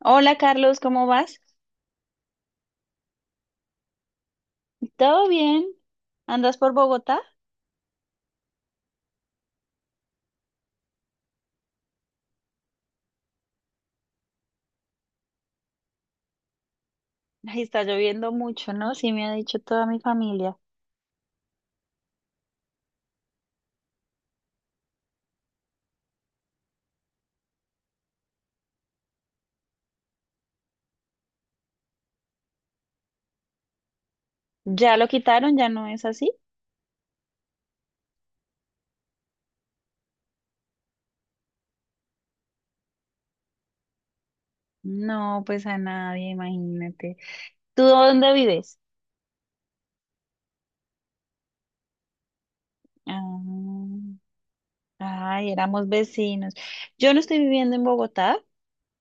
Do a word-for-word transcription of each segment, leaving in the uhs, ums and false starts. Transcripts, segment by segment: Hola Carlos, ¿cómo vas? ¿Todo bien? ¿Andas por Bogotá? Ay, está lloviendo mucho, ¿no? Sí, me ha dicho toda mi familia. ¿Ya lo quitaron? ¿Ya no es así? No, pues a nadie, imagínate. ¿Tú dónde vives? Ah, ay, éramos vecinos. Yo no estoy viviendo en Bogotá,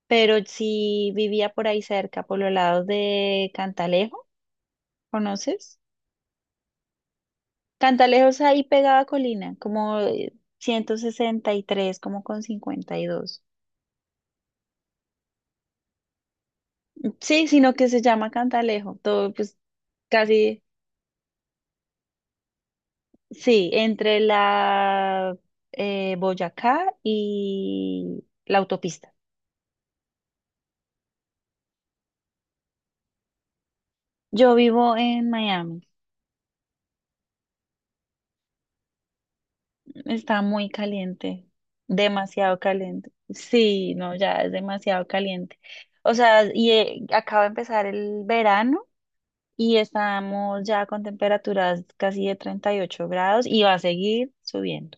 pero sí vivía por ahí cerca, por los lados de Cantalejo, ¿conoces? Cantalejo es ahí pegada a Colina, como eh, ciento sesenta y tres, como con cincuenta y dos. Sí, sino que se llama Cantalejo. Todo, pues, casi, sí, entre la eh, Boyacá y la autopista. Yo vivo en Miami. Está muy caliente, demasiado caliente. Sí, no, ya es demasiado caliente. O sea, y eh, acaba de empezar el verano y estamos ya con temperaturas casi de treinta y ocho grados y va a seguir subiendo.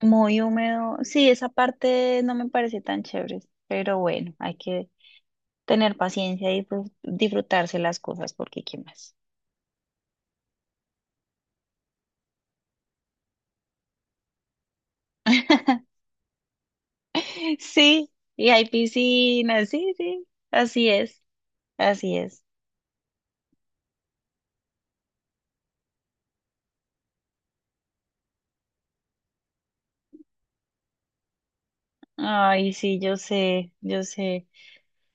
Muy húmedo. Sí, esa parte no me parece tan chévere, pero bueno, hay que tener paciencia y disfrut- disfrutarse las cosas, porque ¿qué más? Sí, y hay piscinas, sí, sí, así es, así es. Ay, sí, yo sé, yo sé.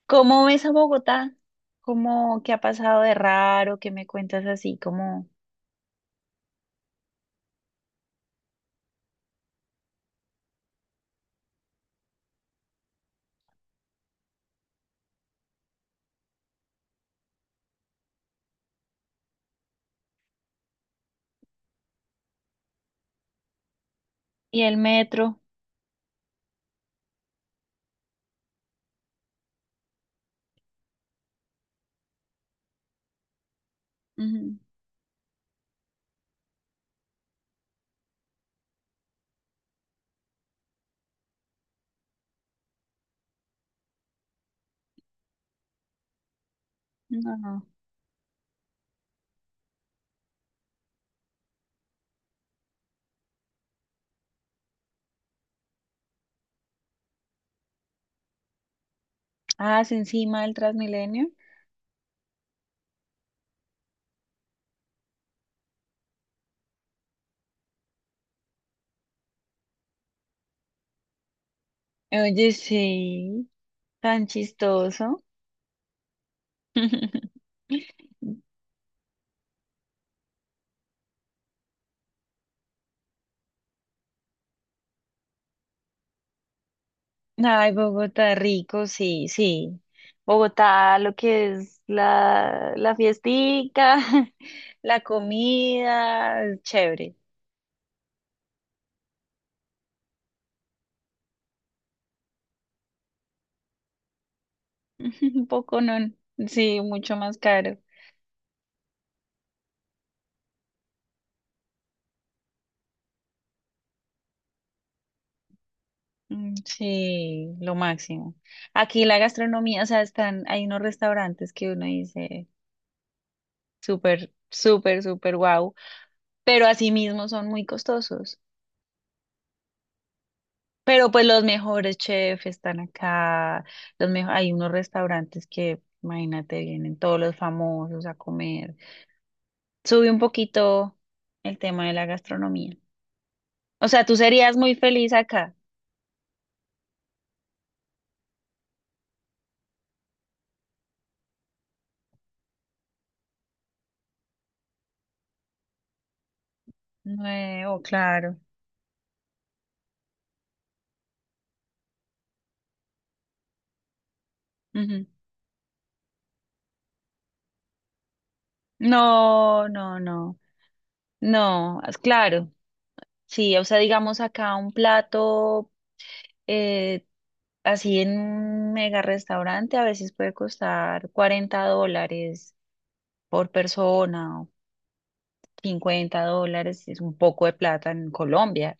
¿Cómo ves a Bogotá? ¿Cómo qué ha pasado de raro? ¿Qué me cuentas así? Cómo. ¿Y el metro? Ujú. No. Ah, es encima del Transmilenio. Oye, sí, tan chistoso. Ay, Bogotá rico, sí, sí. Bogotá, lo que es la, la fiestica, la comida, chévere. Un poco no, sí, mucho más caro. Mm, sí, lo máximo. Aquí la gastronomía, o sea, están, hay unos restaurantes que uno dice súper, súper, súper guau, pero asimismo son muy costosos. Pero pues los mejores chefs están acá, los mejo- hay unos restaurantes que, imagínate, vienen todos los famosos a comer. Sube un poquito el tema de la gastronomía. O sea, tú serías muy feliz acá. Nuevo, claro. Ujú. No, no, no, no, es claro. Sí, o sea, digamos acá un plato eh, así en un mega restaurante a veces puede costar cuarenta dólares por persona. Cincuenta dólares es un poco de plata en Colombia.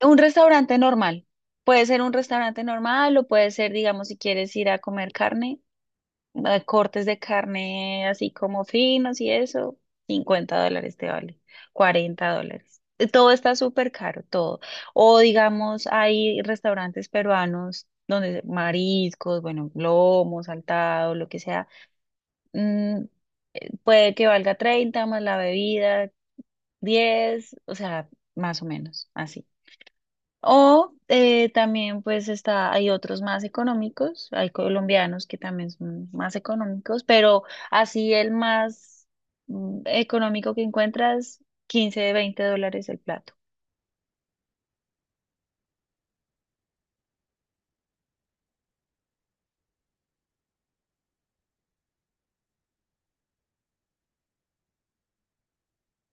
Un restaurante normal. Puede ser un restaurante normal o puede ser, digamos, si quieres ir a comer carne, eh, cortes de carne así como finos y eso, cincuenta dólares te vale, cuarenta dólares. Eh, Todo está súper caro, todo. O digamos, hay restaurantes peruanos donde mariscos, bueno, lomo, saltado, lo que sea, mm, puede que valga treinta más la bebida, diez, o sea, más o menos, así. O eh, también pues está, hay otros más económicos, hay colombianos que también son más económicos, pero así el más mm, económico que encuentras, quince de veinte dólares el plato.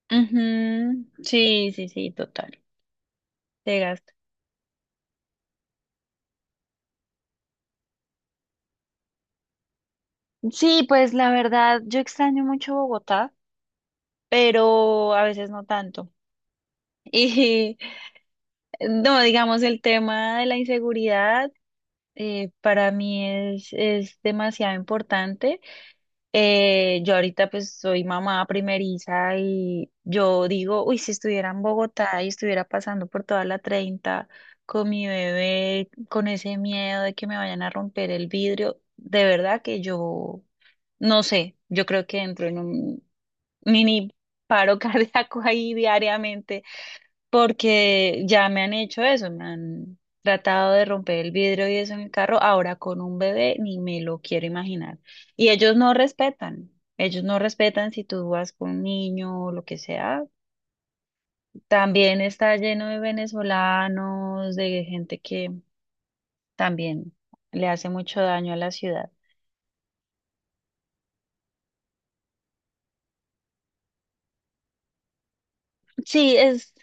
Ujú, sí, sí, sí, total, te gasta. Sí, pues la verdad, yo extraño mucho Bogotá, pero a veces no tanto. Y no, digamos, el tema de la inseguridad. Eh, para mí es, es demasiado importante. Eh, yo ahorita pues soy mamá primeriza y yo digo, uy, si estuviera en Bogotá y estuviera pasando por toda la treinta con mi bebé, con ese miedo de que me vayan a romper el vidrio, de verdad que yo no sé, yo creo que entro en un mini paro cardíaco ahí diariamente porque ya me han hecho eso, me han tratado de romper el vidrio y eso en el carro, ahora con un bebé ni me lo quiero imaginar. Y ellos no respetan, ellos no respetan si tú vas con un niño o lo que sea. También está lleno de venezolanos, de gente que también le hace mucho daño a la ciudad. Sí, es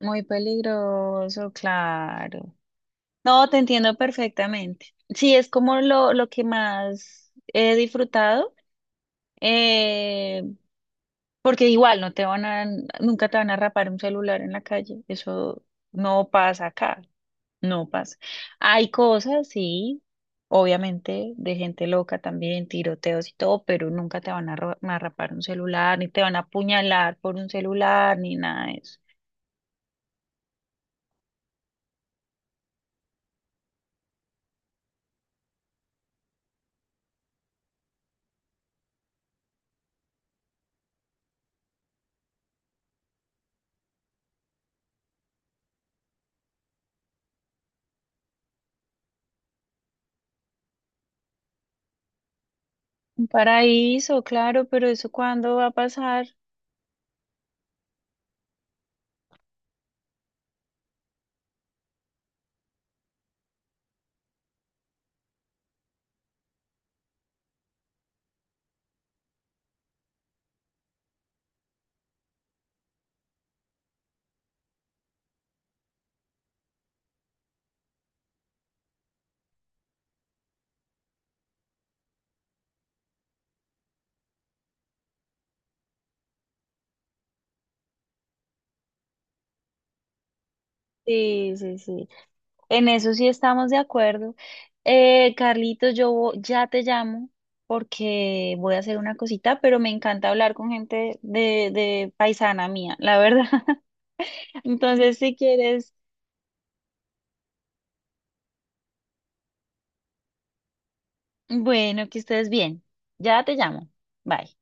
muy peligroso, claro. No, te entiendo perfectamente. Sí, es como lo, lo que más he disfrutado. Eh, Porque igual no te van a, nunca te van a rapar un celular en la calle. Eso no pasa acá, no pasa. Hay cosas, sí, obviamente, de gente loca también, tiroteos y todo, pero nunca te van a, ro- a rapar un celular, ni te van a apuñalar por un celular, ni nada de eso. Un paraíso, claro, pero eso ¿cuándo va a pasar? Sí, sí, sí. En eso sí estamos de acuerdo. Eh, Carlitos, yo vo- ya te llamo porque voy a hacer una cosita, pero me encanta hablar con gente de, de paisana mía, la verdad. Entonces, si quieres, bueno, que estés bien. Ya te llamo. Bye.